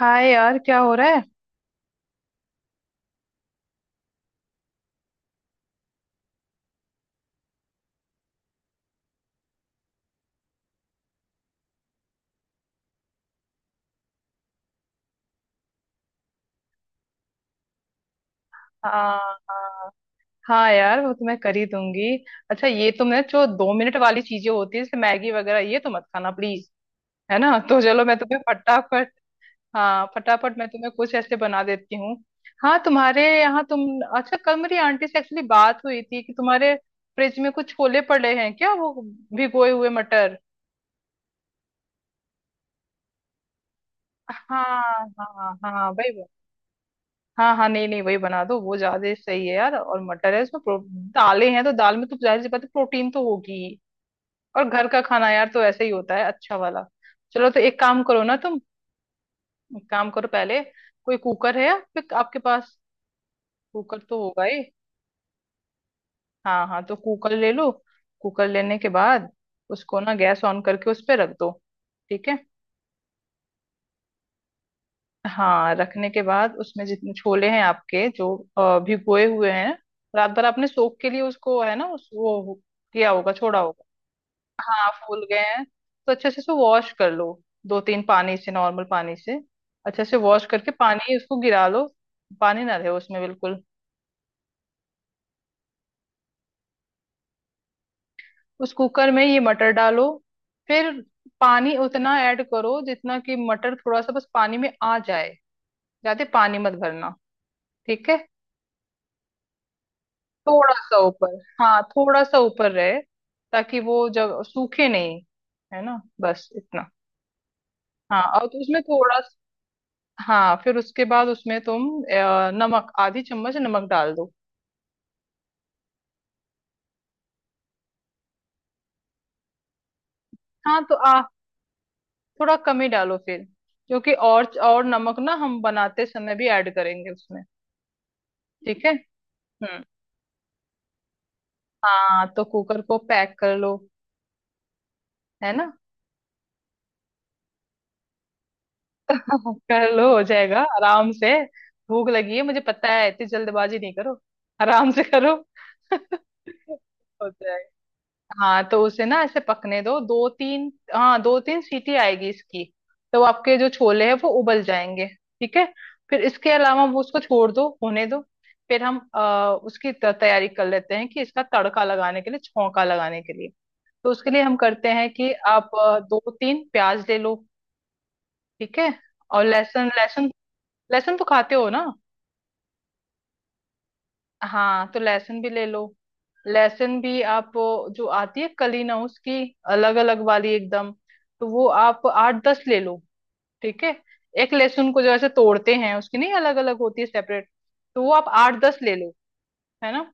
हाय यार, क्या हो रहा है। हाँ, हाँ, हाँ, यार वो तो मैं कर ही दूंगी। अच्छा, ये तो मैं, जो 2 मिनट वाली चीजें होती है जैसे मैगी वगैरह, ये तो मत खाना प्लीज। है ना? तो चलो मैं तुम्हें फटाफट। हाँ, फटाफट मैं तुम्हें कुछ ऐसे बना देती हूँ। हाँ, तुम्हारे यहाँ, तुम। अच्छा, कल मेरी आंटी से एक्चुअली बात हुई थी कि तुम्हारे फ्रिज में कुछ छोले पड़े हैं क्या, वो भिगोए हुए मटर। हाँ, हाँ, हाँ, वही वही। हाँ, हाँ, नहीं, नहीं, वही बना दो, वो ज्यादा सही है यार। और मटर है उसमें दालें हैं, तो दाल में तो जाहिर सी बात है प्रोटीन तो होगी ही। और घर का खाना यार तो ऐसे ही होता है, अच्छा वाला। चलो, तो एक काम करो ना तुम। एक काम करो पहले। कोई कुकर है आपके आपके पास? कुकर तो होगा ही। हाँ, हाँ, तो कुकर ले लो। कुकर लेने के बाद उसको ना गैस ऑन करके उस पर रख दो। ठीक है। हाँ, रखने के बाद उसमें जितने छोले हैं आपके, जो भिगोए हुए हैं, रात भर आपने सोख के लिए उसको, है ना? उस, वो किया होगा, छोड़ा होगा। हाँ, फूल गए हैं तो अच्छे से उसको वॉश कर लो। दो तीन पानी से, नॉर्मल पानी से अच्छे से वॉश करके पानी उसको गिरा लो। पानी ना रहे उसमें बिल्कुल। उस कुकर में ये मटर डालो। फिर पानी उतना ऐड करो जितना कि मटर थोड़ा सा बस पानी में आ जाए। ज्यादा पानी मत भरना। ठीक है। थोड़ा सा ऊपर, हाँ थोड़ा सा ऊपर रहे ताकि वो जब सूखे नहीं। है ना, बस इतना। हाँ, और तो उसमें थोड़ा हाँ, फिर उसके बाद उसमें तुम नमक, आधी चम्मच नमक डाल दो। हाँ, तो आ थोड़ा कम ही डालो फिर। क्योंकि और नमक ना हम बनाते समय भी ऐड करेंगे उसमें। ठीक है। हम्म। हाँ, तो कुकर को पैक कर लो। है ना। हाँ, कर लो, हो जाएगा आराम से। भूख लगी है मुझे पता है, इतनी जल्दबाजी नहीं करो। आराम से करो। हो जाएगा। हाँ, तो उसे ना ऐसे पकने दो, दो तीन, हाँ, दो तीन सीटी आएगी इसकी। तो आपके जो छोले हैं वो उबल जाएंगे। ठीक है। फिर इसके अलावा वो, उसको छोड़ दो, होने दो। फिर हम उसकी तैयारी कर लेते हैं कि इसका तड़का लगाने के लिए, छौंका लगाने के लिए। तो उसके लिए हम करते हैं कि आप दो तीन प्याज ले लो। ठीक है। और लहसुन, लहसुन। लहसुन तो खाते हो ना? हाँ, तो लहसुन भी ले लो। लहसुन भी आप वो, जो आती है कली ना, उसकी अलग अलग वाली एकदम। तो वो आप आठ दस ले लो। ठीक है। एक लहसुन को जैसे तोड़ते हैं उसकी नहीं, अलग अलग होती है, सेपरेट। तो वो आप आठ दस ले लो। है ना।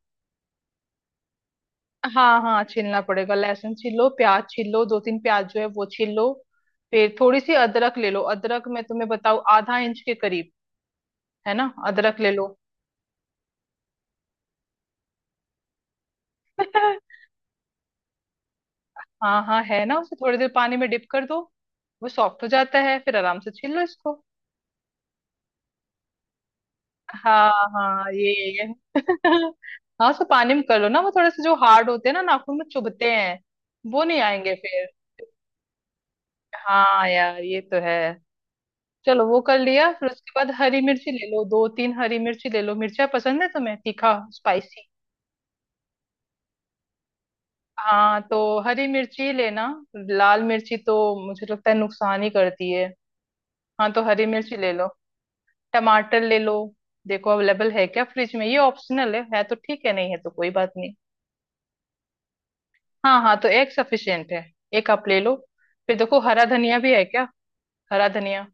हाँ, हाँ, छीलना पड़ेगा। लहसुन छील लो, प्याज छील लो, दो तीन प्याज जो है वो छील लो। फिर थोड़ी सी अदरक ले लो। अदरक मैं तुम्हें बताऊँ, आधा इंच के करीब। है ना, अदरक ले लो। हाँ, हाँ, है ना, उसे थोड़ी देर पानी में डिप कर दो। वो सॉफ्ट हो जाता है, फिर आराम से छील लो इसको। हाँ, हाँ, ये ये। हाँ, सो पानी में कर लो ना, वो थोड़े से जो हार्ड होते हैं ना नाखून में चुभते हैं, वो नहीं आएंगे फिर। हाँ यार, ये तो है। चलो, वो कर लिया। फिर उसके बाद हरी मिर्ची ले लो, दो तीन हरी मिर्ची ले लो। मिर्चा पसंद है तुम्हें? तीखा, स्पाइसी? हाँ, तो हरी मिर्ची लेना। लाल मिर्ची तो मुझे लगता है नुकसान ही करती है। हाँ, तो हरी मिर्ची ले लो। टमाटर ले लो। देखो अवेलेबल है क्या फ्रिज में, ये ऑप्शनल है तो ठीक है, नहीं है तो कोई बात नहीं। हाँ, हाँ, तो एक सफिशियंट है। एक आप ले लो। फिर देखो हरा धनिया भी है क्या। हरा धनिया।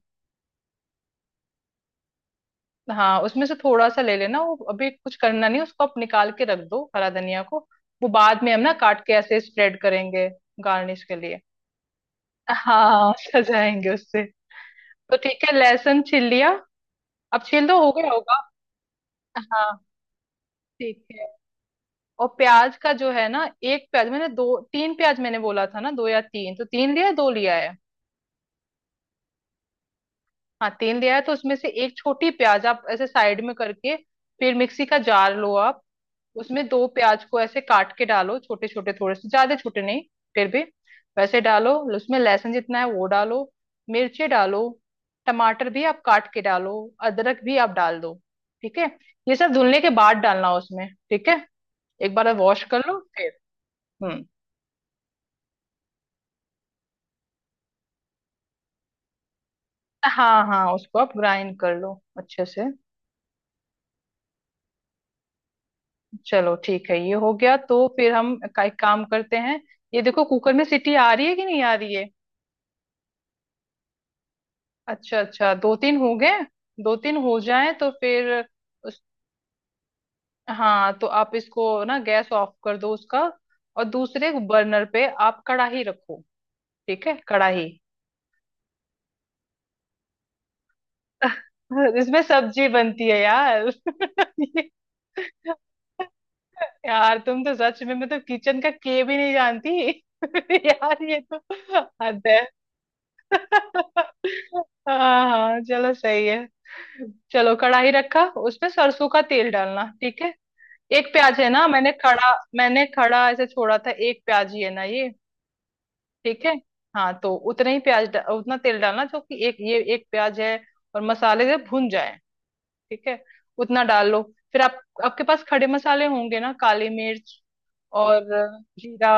हाँ, उसमें से थोड़ा सा ले लेना। वो अभी कुछ करना नहीं, उसको आप निकाल के रख दो, हरा धनिया को। वो बाद में हम ना काट के ऐसे स्प्रेड करेंगे, गार्निश के लिए। हाँ, सजाएंगे उससे। तो ठीक है, लहसुन छील लिया। अब छील दो, हो गया होगा। हाँ, ठीक है। और प्याज का जो है ना, एक प्याज मैंने, दो तीन प्याज मैंने बोला था ना, दो या तीन, तो तीन लिया है दो लिया है? हाँ, तीन लिया है, तो उसमें से एक छोटी प्याज आप ऐसे साइड में करके फिर मिक्सी का जार लो आप। उसमें दो प्याज को ऐसे काट के डालो, छोटे छोटे, थोड़े से, ज्यादा छोटे नहीं फिर भी, वैसे डालो। उसमें लहसुन जितना है वो डालो, मिर्ची डालो, टमाटर भी आप काट के डालो, अदरक भी आप डाल दो। ठीक है। ये सब धुलने के बाद डालना उसमें, ठीक है। एक बार वॉश कर लो फिर। हम्म। हाँ, हाँ, उसको आप ग्राइंड कर लो, अच्छे से। चलो ठीक है, ये हो गया तो फिर हम एक काम करते हैं। ये देखो कुकर में सीटी आ रही है कि नहीं आ रही है? अच्छा, अच्छा, दो तीन हो गए। दो तीन हो जाए तो फिर उस हाँ, तो आप इसको ना गैस ऑफ कर दो उसका। और दूसरे बर्नर पे आप कढ़ाई रखो। ठीक है, कढ़ाई। इसमें सब्जी बनती है यार। ये- यार तुम तो सच में मतलब किचन का के भी नहीं जानती। यार, ये तो हद है। हाँ, हाँ, चलो, सही है। चलो कढ़ाई रखा, उसमें सरसों का तेल डालना, ठीक है। एक प्याज है ना, मैंने खड़ा ऐसे छोड़ा था, एक प्याज ही है ना ये? ठीक है। हाँ, तो उतना ही प्याज डा- उतना तेल डालना, जो कि एक, ये एक प्याज है और मसाले से भुन जाए। ठीक है, उतना डाल लो। फिर आप आपके पास खड़े मसाले होंगे ना, काली मिर्च और जीरा।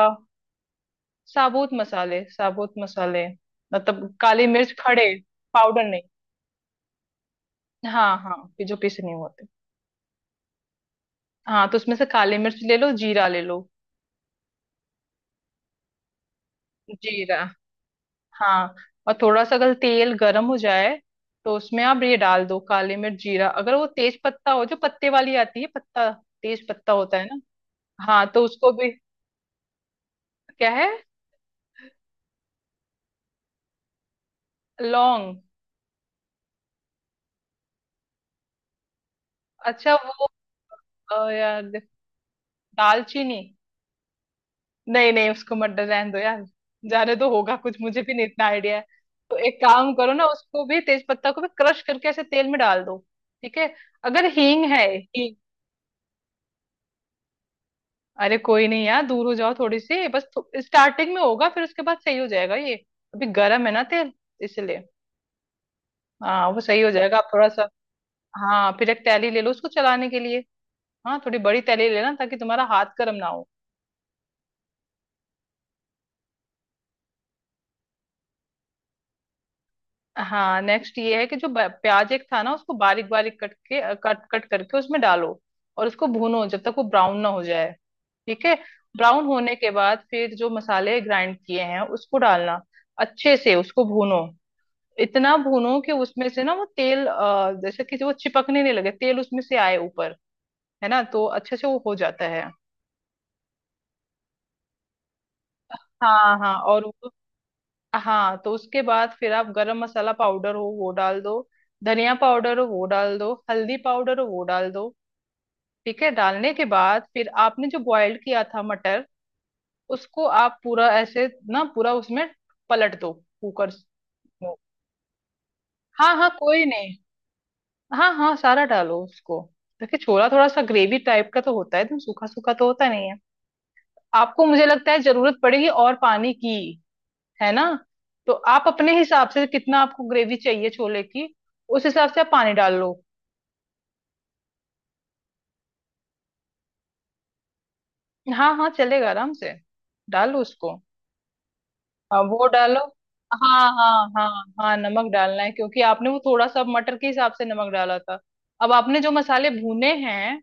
साबुत मसाले, साबुत मसाले। मतलब काली मिर्च, खड़े। पाउडर नहीं। हाँ, हाँ, कि जो पीसे नहीं होते। हाँ, तो उसमें से काली मिर्च ले लो, जीरा ले लो। जीरा। हाँ। और थोड़ा सा अगर तेल गर्म हो जाए, तो उसमें आप ये डाल दो, काली मिर्च, जीरा। अगर वो तेज पत्ता हो, जो पत्ते वाली आती है, पत्ता, तेज पत्ता होता है ना? हाँ, तो उसको भी। क्या है? लौंग? अच्छा, वो। ओ यार, दालचीनी? नहीं, नहीं, उसको मत रहने दो यार। जाने तो होगा कुछ, मुझे भी नहीं इतना आइडिया है। तो एक काम करो ना, उसको भी, तेज पत्ता को भी क्रश करके ऐसे तेल में डाल दो। ठीक है। अगर हींग है, हींग। अरे, कोई नहीं यार, दूर हो जाओ थोड़ी सी बस। स्टार्टिंग में होगा, फिर उसके बाद सही हो जाएगा ये। अभी गर्म है ना तेल, इसलिए। हाँ, वो सही हो जाएगा, आप थोड़ा सा। हाँ, फिर एक तैली ले लो उसको चलाने के लिए। हाँ, थोड़ी बड़ी तैली लेना, ताकि तुम्हारा हाथ गर्म ना हो। हाँ, नेक्स्ट ये है कि जो प्याज एक था ना, उसको बारीक बारीक कट कट करके उसमें डालो और उसको भूनो जब तक वो ब्राउन ना हो जाए। ठीक है। ब्राउन होने के बाद फिर जो मसाले ग्राइंड किए हैं उसको डालना। अच्छे से उसको भूनो। इतना भूनो कि उसमें से ना वो तेल, जैसे कि वो चिपकने नहीं लगे, तेल उसमें से आए ऊपर। है ना, तो अच्छे से वो हो जाता है। हाँ, हाँ, और हाँ, तो उसके बाद फिर आप गरम मसाला पाउडर हो वो डाल दो, धनिया पाउडर हो वो डाल दो, हल्दी पाउडर हो वो डाल दो। ठीक है, डालने के बाद फिर आपने जो बॉयल किया था मटर, उसको आप पूरा ऐसे, ना पूरा उसमें पलट दो कुकर में। हाँ, हाँ, कोई नहीं। हाँ, हाँ, सारा डालो उसको। देखिए छोला थोड़ा सा ग्रेवी टाइप का तो होता है, एकदम सूखा सूखा तो होता नहीं है। आपको, मुझे लगता है, जरूरत पड़ेगी और पानी की। है ना। तो आप अपने हिसाब से, कितना आपको ग्रेवी चाहिए छोले की, उस हिसाब से आप पानी डाल लो। हाँ, हाँ, चलेगा आराम से। डालो उसको। हाँ, वो डालो। हाँ, हाँ, हाँ, हाँ, नमक डालना है क्योंकि आपने वो थोड़ा सा मटर के हिसाब से नमक डाला था, अब आपने जो मसाले भुने हैं,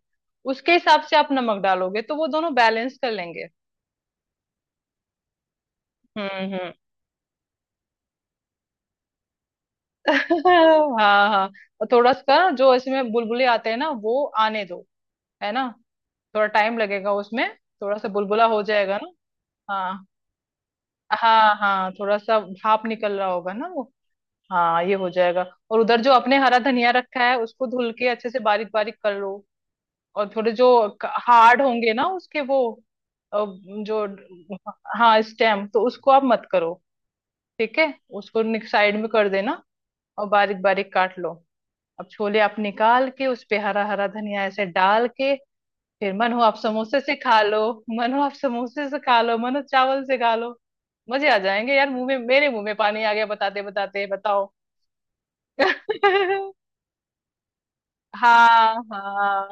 उसके हिसाब से आप नमक डालोगे तो वो दोनों बैलेंस कर लेंगे। हम्म, हम्म। हाँ, हाँ। और थोड़ा सा जो इसमें बुलबुले आते हैं ना, वो आने दो। है ना, थोड़ा टाइम लगेगा उसमें, थोड़ा सा बुलबुला हो जाएगा ना। हाँ, हाँ, हाँ, थोड़ा सा भाप निकल रहा होगा ना वो। हाँ, ये हो जाएगा। और उधर जो अपने हरा धनिया रखा है उसको धुल के अच्छे से बारीक बारीक कर लो। और थोड़े जो हार्ड होंगे ना उसके वो, अ, जो, हाँ स्टेम, तो उसको आप मत करो। ठीक है, उसको साइड में कर देना, और बारीक बारीक काट लो। अब छोले आप निकाल के उस पे हरा हरा धनिया ऐसे डाल के, फिर मन हो आप समोसे से खा लो। मन हो आप समोसे से खा लो, मन हो चावल से खा लो। मजे आ जाएंगे यार, मुंह में मेरे मुंह में पानी आ गया बताते बताते। बताओ। हाँ, हाँ।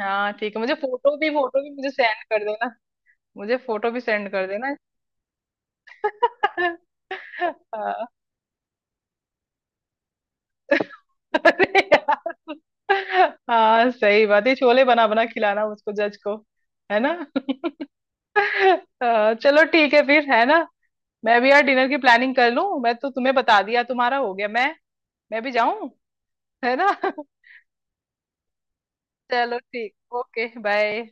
हाँ, ठीक है, मुझे फोटो भी, फोटो भी मुझे सेंड कर देना। मुझे फोटो भी सेंड कर देना। हाँ। अरे यार। हाँ, सही बात है, छोले बना बना खिलाना उसको, जज को। है ना। हाँ, चलो, ठीक है फिर, है ना। मैं भी यार डिनर की प्लानिंग कर लूं, मैं तो तुम्हें बता दिया, तुम्हारा हो गया, मैं भी जाऊं, है ना। चलो ठीक। Okay, bye.